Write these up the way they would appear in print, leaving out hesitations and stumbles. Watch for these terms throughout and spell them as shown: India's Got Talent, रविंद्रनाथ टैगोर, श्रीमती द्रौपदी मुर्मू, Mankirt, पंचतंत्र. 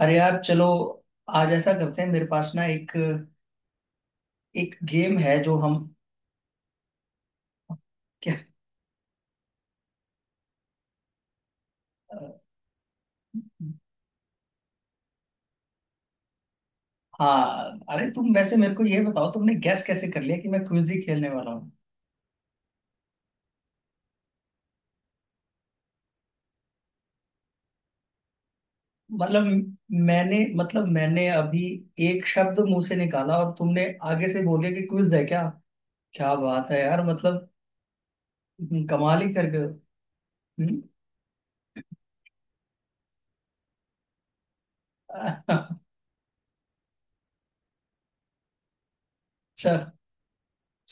अरे यार, चलो। आज ऐसा करते हैं, मेरे पास ना एक एक गेम है जो हम। क्या? हाँ, अरे तुम वैसे मेरे को ये बताओ, तुमने गैस कैसे कर लिया कि मैं क्विज ही खेलने वाला हूँ? मतलब मैंने अभी एक शब्द मुंह से निकाला और तुमने आगे से बोले कि क्विज है क्या। क्या बात है यार, मतलब कमाल ही कर गए हो। हम्म। चल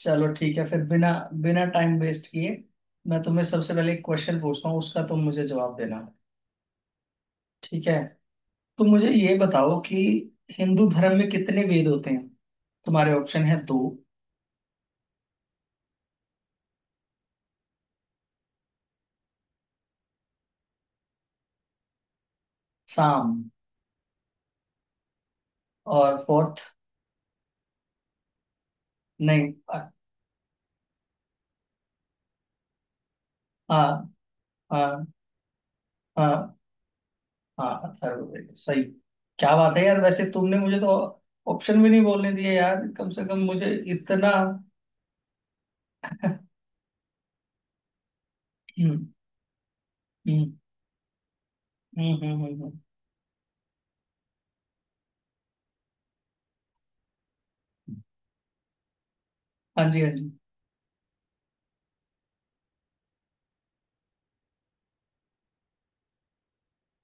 चलो ठीक है, फिर बिना बिना टाइम वेस्ट किए मैं तुम्हें सबसे पहले एक क्वेश्चन पूछता हूँ, उसका तुम मुझे जवाब देना। ठीक है, तो मुझे ये बताओ कि हिंदू धर्म में कितने वेद होते हैं। तुम्हारे ऑप्शन है दो। साम और फोर्थ? नहीं। हाँ। हाँ। हाँ। हाँ, अथर्ववेद सही। क्या बात है यार, वैसे तुमने मुझे तो ऑप्शन भी नहीं बोलने दिए यार, कम से कम मुझे इतना। हम्म, हम्म, हम्म, हम्म, हाँ जी, हाँ जी।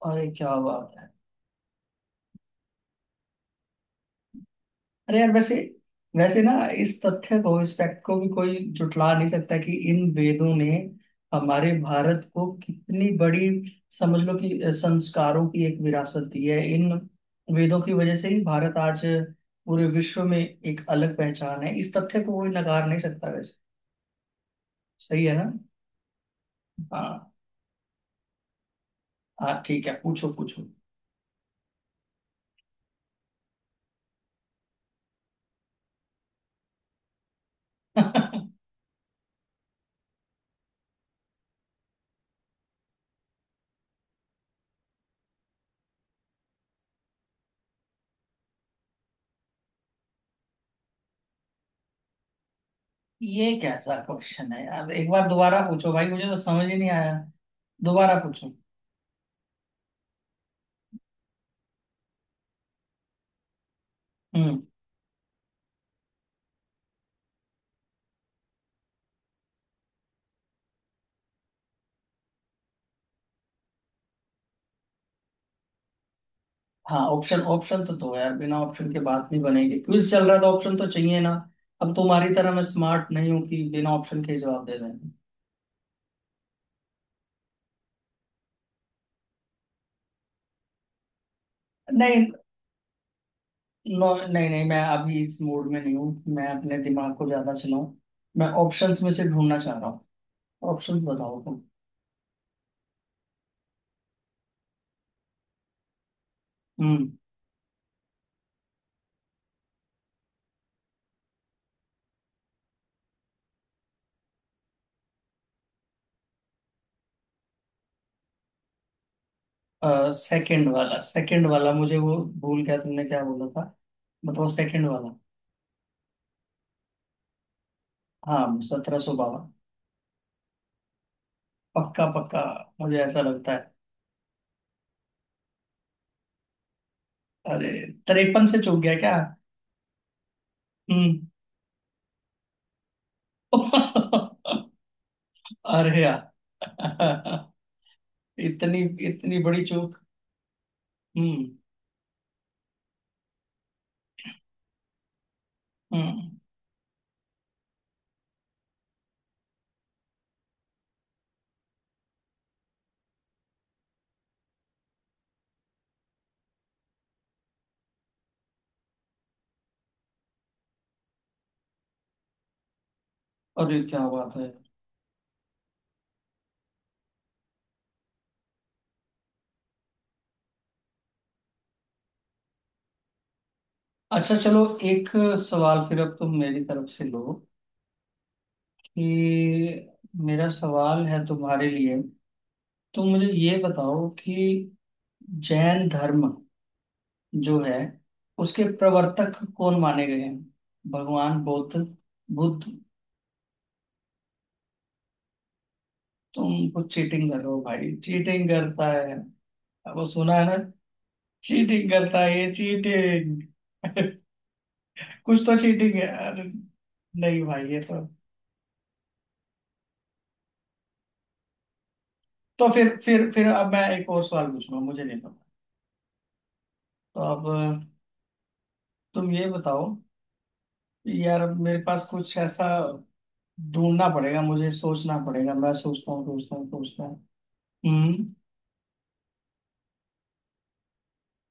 अरे क्या बात है। अरे यार, वैसे वैसे ना इस तथ्य को, इस फैक्ट को भी कोई जुटला नहीं सकता कि इन वेदों ने हमारे भारत को कितनी बड़ी, समझ लो कि संस्कारों की एक विरासत दी है। इन वेदों की वजह से ही भारत आज पूरे विश्व में एक अलग पहचान है। इस तथ्य को कोई नकार नहीं सकता। वैसे सही है ना। हाँ हाँ, ठीक है, पूछो पूछो। ये कैसा क्वेश्चन है यार, एक बार दोबारा पूछो भाई, मुझे तो समझ ही नहीं आया। दोबारा पूछो। हम्म। हाँ, ऑप्शन ऑप्शन तो दो यार, बिना ऑप्शन के बात नहीं बनेगी, क्विज चल रहा है तो ऑप्शन तो चाहिए ना। अब तुम्हारी तरह मैं स्मार्ट नहीं हूँ कि बिना ऑप्शन के ही जवाब दे दें। नहीं, नो, नहीं नहीं, मैं अभी इस मूड में नहीं हूँ मैं अपने दिमाग को ज्यादा चलाऊं। मैं ऑप्शंस में से ढूंढना चाह रहा हूँ। ऑप्शंस बताओ तुम। हम्म। सेकंड वाला, सेकंड वाला, मुझे वो भूल गया तुमने क्या बोला था। बताओ सेकंड वाला। हाँ, 1752। पक्का पक्का, मुझे ऐसा लगता है। अरे, तिरपन से चूक गया क्या? हम्म। अरे यार, इतनी इतनी बड़ी चूक। हम्म। हम्म। अरे क्या बात है। अच्छा चलो, एक सवाल फिर अब तुम मेरी तरफ से लो कि मेरा सवाल है तुम्हारे लिए, तो मुझे ये बताओ कि जैन धर्म जो है, उसके प्रवर्तक कौन माने गए हैं? भगवान बुद्ध। बुद्ध। तुम कुछ चीटिंग कर रहे हो भाई, चीटिंग करता है वो सुना है ना, चीटिंग करता है ये, चीटिंग। कुछ तो चीटिंग है। अरे नहीं भाई, ये तो। तो फिर अब मैं एक और सवाल पूछूंगा, मुझे नहीं पता। तो अब तुम ये बताओ। यार अब मेरे पास कुछ ऐसा ढूंढना पड़ेगा, मुझे सोचना पड़ेगा। मैं सोचता हूँ सोचता हूँ सोचता हूँ। हम्म।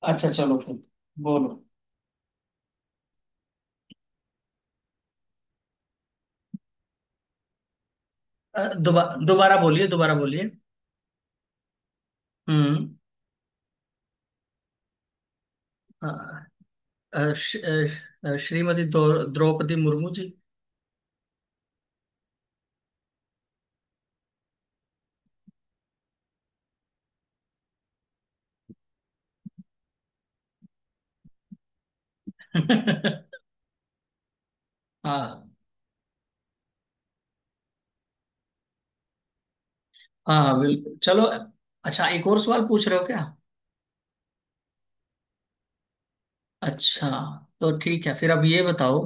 अच्छा चलो फिर, बोलो। अ, दोबा दोबारा बोलिए, दोबारा बोलिए। हम्म। हाँ, अ, श- श्रीमती द्रौपदी मुर्मू जी। हाँ, हाँ, हाँ, बिल्कुल चलो। अच्छा, एक और सवाल पूछ रहे हो क्या? अच्छा, तो ठीक है फिर अब ये बताओ।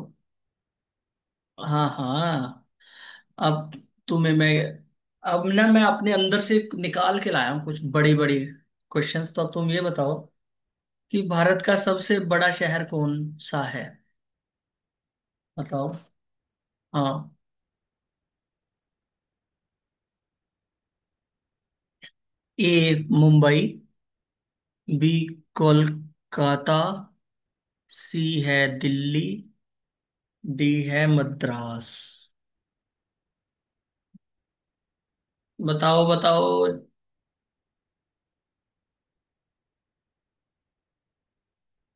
हाँ हाँ। अब तुम्हें मैं, अब ना मैं अपने अंदर से निकाल के लाया हूँ कुछ बड़ी बड़ी क्वेश्चंस, तो अब तुम ये बताओ कि भारत का सबसे बड़ा शहर कौन सा है। बताओ। हाँ। A Mumbai, B Kolkata, C है दिल्ली, डी है मद्रास। बताओ बताओ।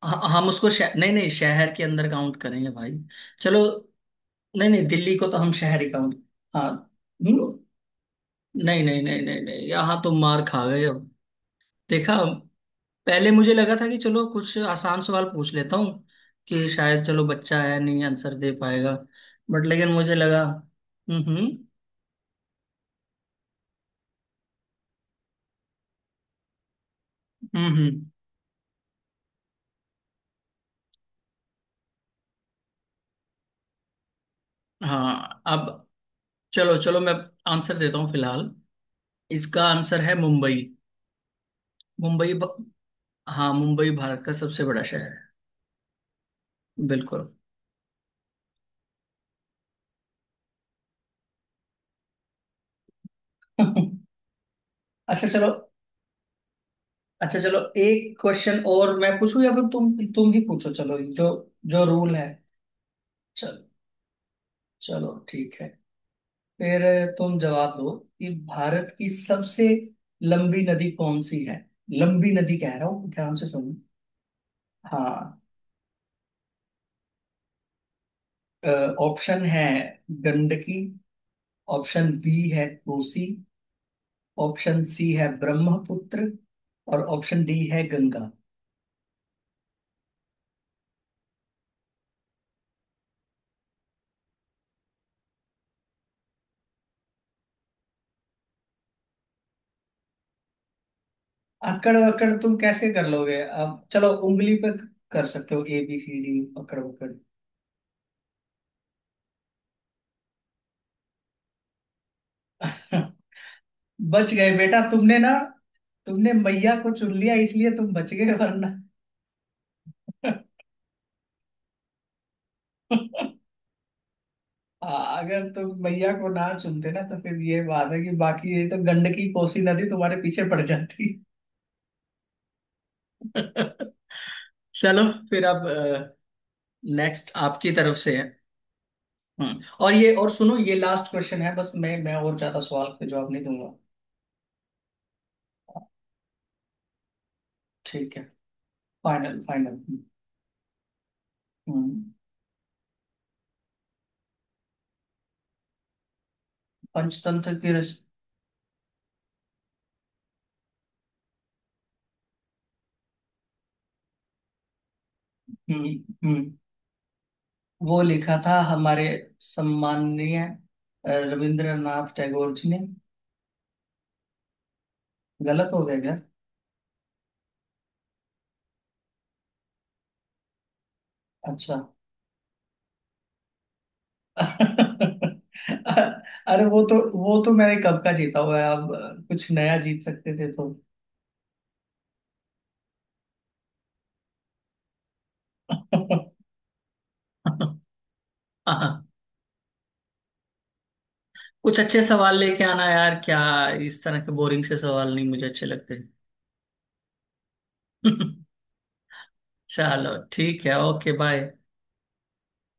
हम उसको नहीं नहीं, शहर के अंदर काउंट करेंगे भाई। चलो, नहीं नहीं, दिल्ली को तो हम शहर ही काउंट। हाँ। हम्म, नहीं नहीं नहीं नहीं नहीं, यहाँ तो मार खा गए अब। देखा, पहले मुझे लगा था कि चलो कुछ आसान सवाल पूछ लेता हूँ कि शायद चलो बच्चा है, नहीं आंसर दे पाएगा। बट लेकिन मुझे लगा, हम्म, हम्म, हम्म, हाँ अब। चलो चलो, मैं आंसर देता हूँ फिलहाल। इसका आंसर है मुंबई। मुंबई हाँ, मुंबई भारत का सबसे बड़ा शहर है। बिल्कुल। अच्छा चलो अच्छा चलो एक क्वेश्चन और मैं पूछूं या फिर तुम ही पूछो, चलो जो जो रूल है। चलो, चलो ठीक है फिर, तुम जवाब दो कि भारत की सबसे लंबी नदी कौन सी है। लंबी नदी कह रहा हूँ, ध्यान से सुनो। हाँ, ऑप्शन है गंडकी, ऑप्शन बी है कोसी, ऑप्शन सी है ब्रह्मपुत्र, और ऑप्शन डी है गंगा। अकड़ अकड़ तुम कैसे कर लोगे? अब चलो उंगली पे कर सकते हो ए बी सी डी अकड़ उकड़। बच गए बेटा तुमने ना, तुमने मैया को चुन लिया, इसलिए तुम बच गए वरना। आ, अगर तुम मैया को ना चुनते ना, तो फिर ये बात है कि बाकी ये तो गंडकी कोसी नदी तुम्हारे पीछे पड़ जाती। चलो फिर अब नेक्स्ट आपकी तरफ से है। हम्म, और ये और सुनो, ये लास्ट क्वेश्चन है बस, मैं और ज्यादा सवाल पे जवाब नहीं दूंगा। ठीक है, फाइनल फाइनल। हम्म। पंचतंत्र की रच। हम्म। हम्म, वो लिखा था हमारे सम्माननीय रविंद्रनाथ टैगोर जी ने। गलत हो गया क्या? अच्छा। अरे वो तो मैंने कब का जीता हुआ है, अब कुछ नया जीत सकते थे तो। हाँ, कुछ अच्छे सवाल लेके आना यार, क्या इस तरह के बोरिंग से सवाल नहीं मुझे अच्छे लगते। चलो ठीक है, ओके बाय।